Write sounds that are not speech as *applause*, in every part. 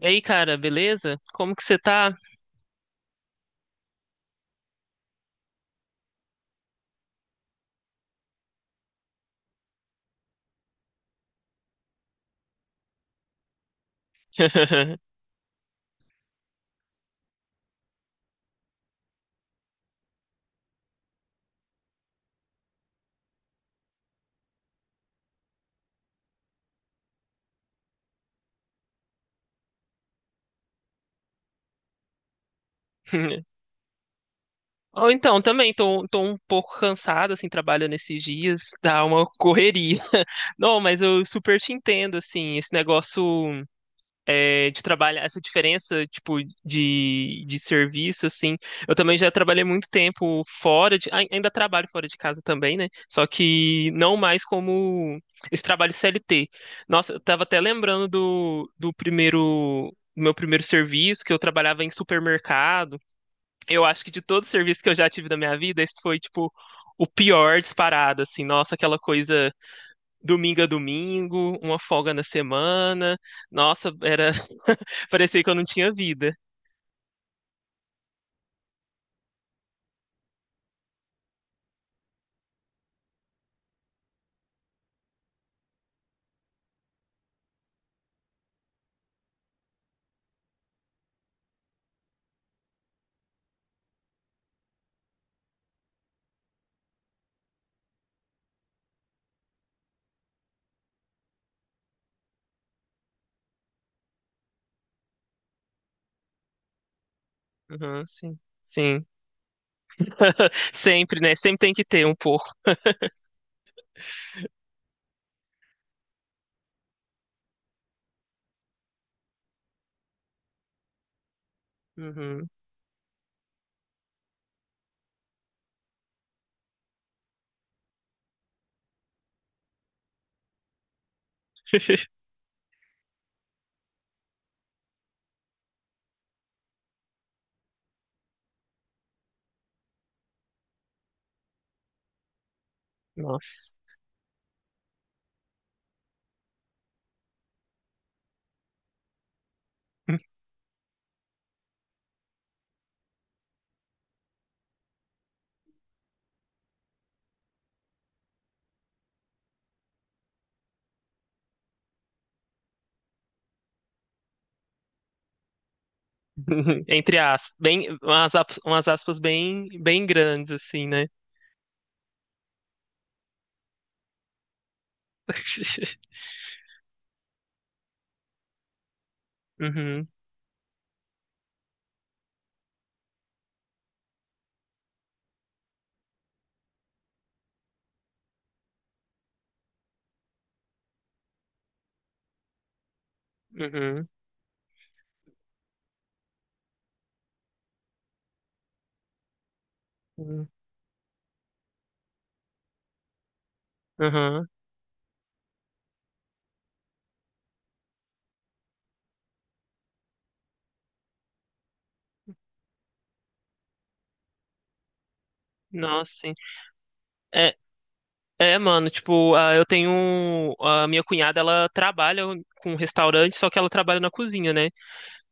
E aí, cara, beleza? Como que você tá? *laughs* Ou então, também tô um pouco cansado, assim, trabalhando esses dias, dá uma correria. *laughs* Não, mas eu super te entendo, assim, esse negócio. É, de trabalho, essa diferença, tipo, de serviço, assim. Eu também já trabalhei muito tempo fora ainda trabalho fora de casa também, né? Só que não mais como esse trabalho CLT. Nossa, eu tava até lembrando do primeiro, do meu primeiro serviço, que eu trabalhava em supermercado. Eu acho que de todos os serviços que eu já tive na minha vida, esse foi, tipo, o pior disparado, assim. Nossa, aquela coisa domingo a domingo, uma folga na semana. Nossa, era parecia que eu não tinha vida. Uhum, sim. Sim. Sempre, né? Sempre tem que ter um porco. Uhum. *laughs* Nossa. *laughs* Entre aspas. Bem, umas aspas bem, bem grandes, assim, né? *laughs* Uhum, uhum, uhum, uhum. Nossa, sim. É, é, mano, tipo, ah, eu tenho. A minha cunhada, ela trabalha com restaurante, só que ela trabalha na cozinha, né?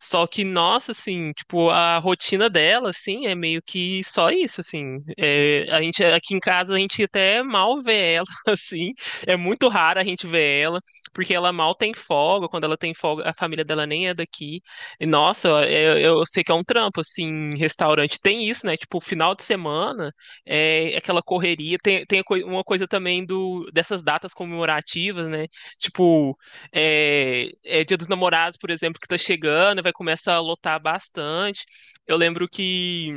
Só que, nossa, assim, tipo, a rotina dela, assim, é meio que só isso, assim. É, a gente, aqui em casa, a gente até mal vê ela, *laughs* assim. É muito raro a gente ver ela, porque ela mal tem folga. Quando ela tem folga, a família dela nem é daqui. E, nossa, eu sei que é um trampo, assim, restaurante. Tem isso, né? Tipo, final de semana, é é aquela correria. Tem uma coisa também dessas datas comemorativas, né? Tipo, é Dia dos Namorados, por exemplo, que tá chegando, vai começar a lotar bastante. Eu lembro que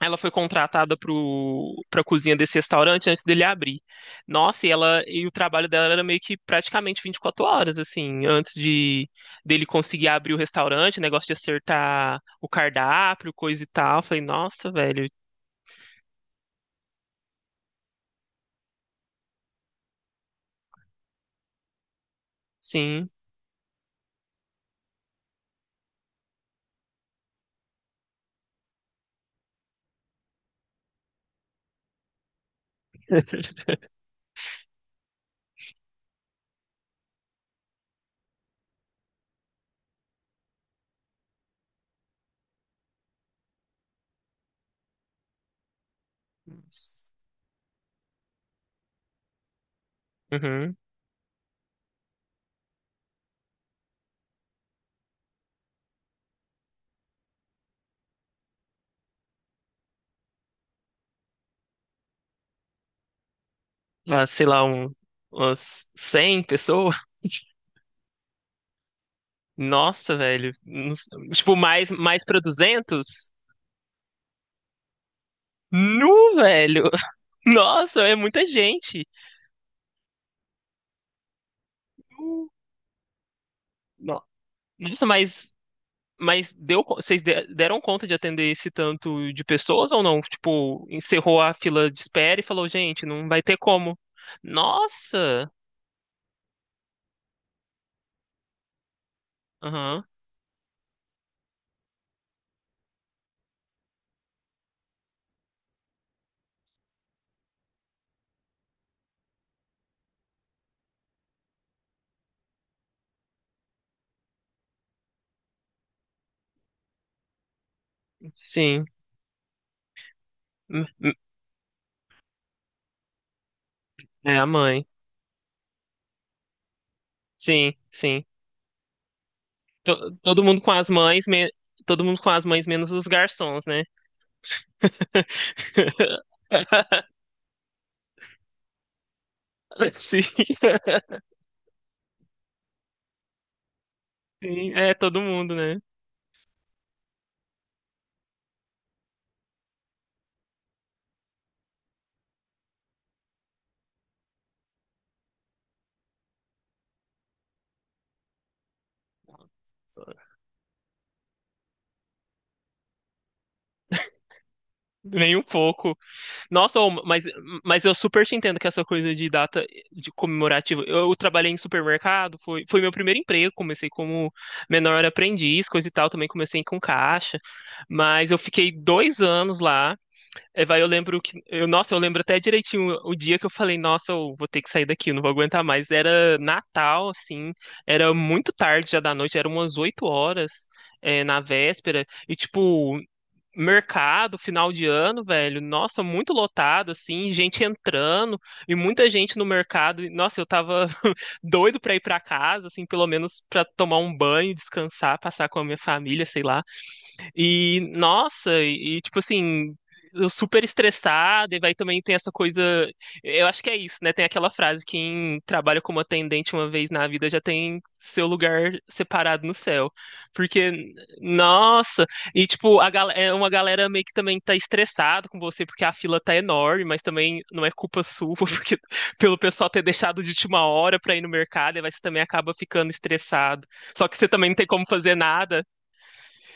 ela foi contratada pra cozinha desse restaurante antes dele abrir. Nossa, e ela e o trabalho dela era meio que praticamente 24 horas, assim, antes de dele conseguir abrir o restaurante, negócio de acertar o cardápio, coisa e tal. Eu falei, nossa, velho, sim. *laughs* Uhum. Ah, sei lá, umas 100 pessoas. Nossa, velho. Não s- Tipo, mais pra 200? Nu, velho. *laughs* Nossa, é muita gente. Nu. No- Nossa, mas, vocês deram conta de atender esse tanto de pessoas ou não? Tipo, encerrou a fila de espera e falou, gente, não vai ter como. Nossa! Aham, sim. M- m- É a mãe. Sim, sim. Todo mundo com as mães, todo mundo com as mães menos os garçons, né? *laughs* *laughs* Sim. Sim, é todo mundo, né? Nem um pouco. Nossa, ô, mas eu super te entendo que essa coisa de data de comemorativa. Eu trabalhei em supermercado, foi meu primeiro emprego. Comecei como menor aprendiz, coisa e tal. Também comecei com caixa. Mas eu fiquei dois anos lá. É, vai, eu lembro que. Eu, nossa, eu lembro até direitinho o dia que eu falei, nossa, eu vou ter que sair daqui, eu não vou aguentar mais. Era Natal, assim, era muito tarde já da noite, era umas 8 horas, na véspera, e tipo, mercado, final de ano, velho, nossa, muito lotado, assim, gente entrando, e muita gente no mercado. E, nossa, eu tava *laughs* doido pra ir pra casa, assim, pelo menos pra tomar um banho, descansar, passar com a minha família, sei lá. E, nossa, tipo assim, eu super estressada, e vai também tem essa coisa. Eu acho que é isso, né? Tem aquela frase: quem trabalha como atendente uma vez na vida já tem seu lugar separado no céu. Porque, nossa, e tipo, é uma galera meio que também tá estressada com você porque a fila tá enorme, mas também não é culpa sua, *laughs* porque pelo pessoal ter deixado de última hora pra ir no mercado, e aí você também acaba ficando estressado. Só que você também não tem como fazer nada.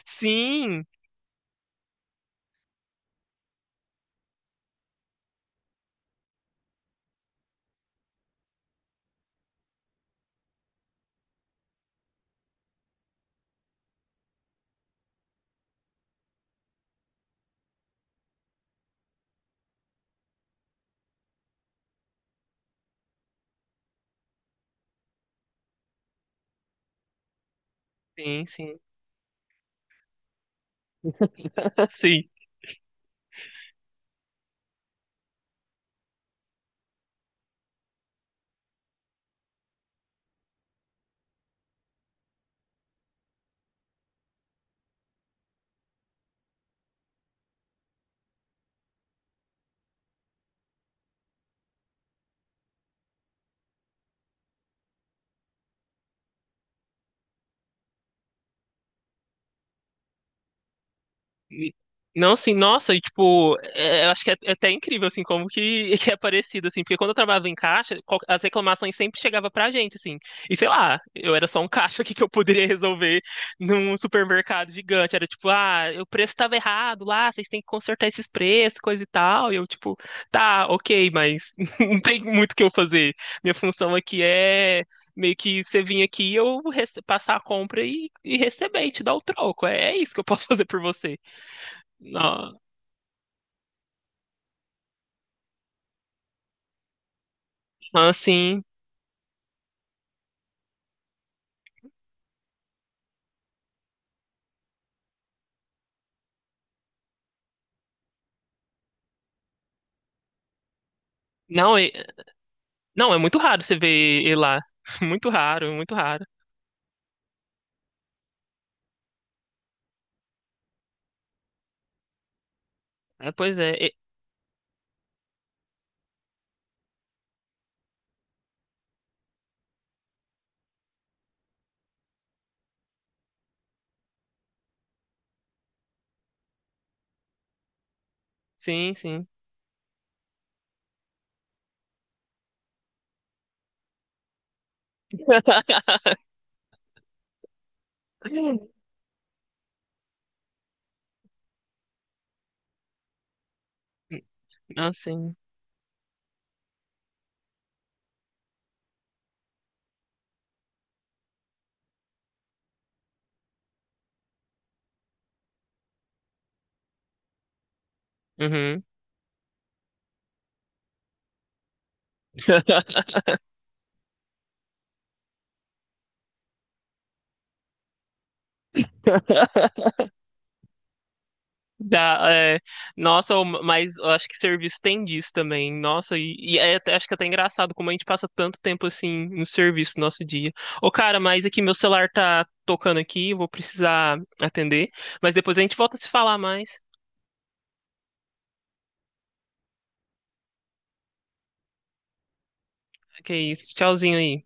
Sim. Sim, sim. *laughs* Sim. E- Não, assim, nossa, e tipo, eu acho que é até incrível, assim, como que, *laughs* que é parecido, assim, porque quando eu trabalhava em caixa, as reclamações sempre chegavam pra gente, assim, e sei lá, eu era só um *laughs* caixa, o que que eu poderia resolver num supermercado gigante? Era tipo, ah, o preço tava errado lá, vocês têm que consertar esses preços, coisa e tal, e eu, tipo, tá, ok, mas *laughs* não tem muito o que eu fazer. Minha função aqui é meio que você vir aqui, passar a compra e, receber, e te dar o troco, é isso que eu posso *laughs* fazer por você. Não, assim, não, é, não, é muito raro você ver ele lá. *laughs* Muito raro, muito raro. Ah, pois é, sim, sim. *laughs* Não, sim. Uhum. *laughs* Já, é, nossa, mas eu acho que serviço tem disso também. Nossa, e acho que é até engraçado como a gente passa tanto tempo assim no serviço no nosso dia. Ô, cara, mas aqui meu celular tá tocando aqui, eu vou precisar atender. Mas depois a gente volta a se falar mais. Ok, tchauzinho aí.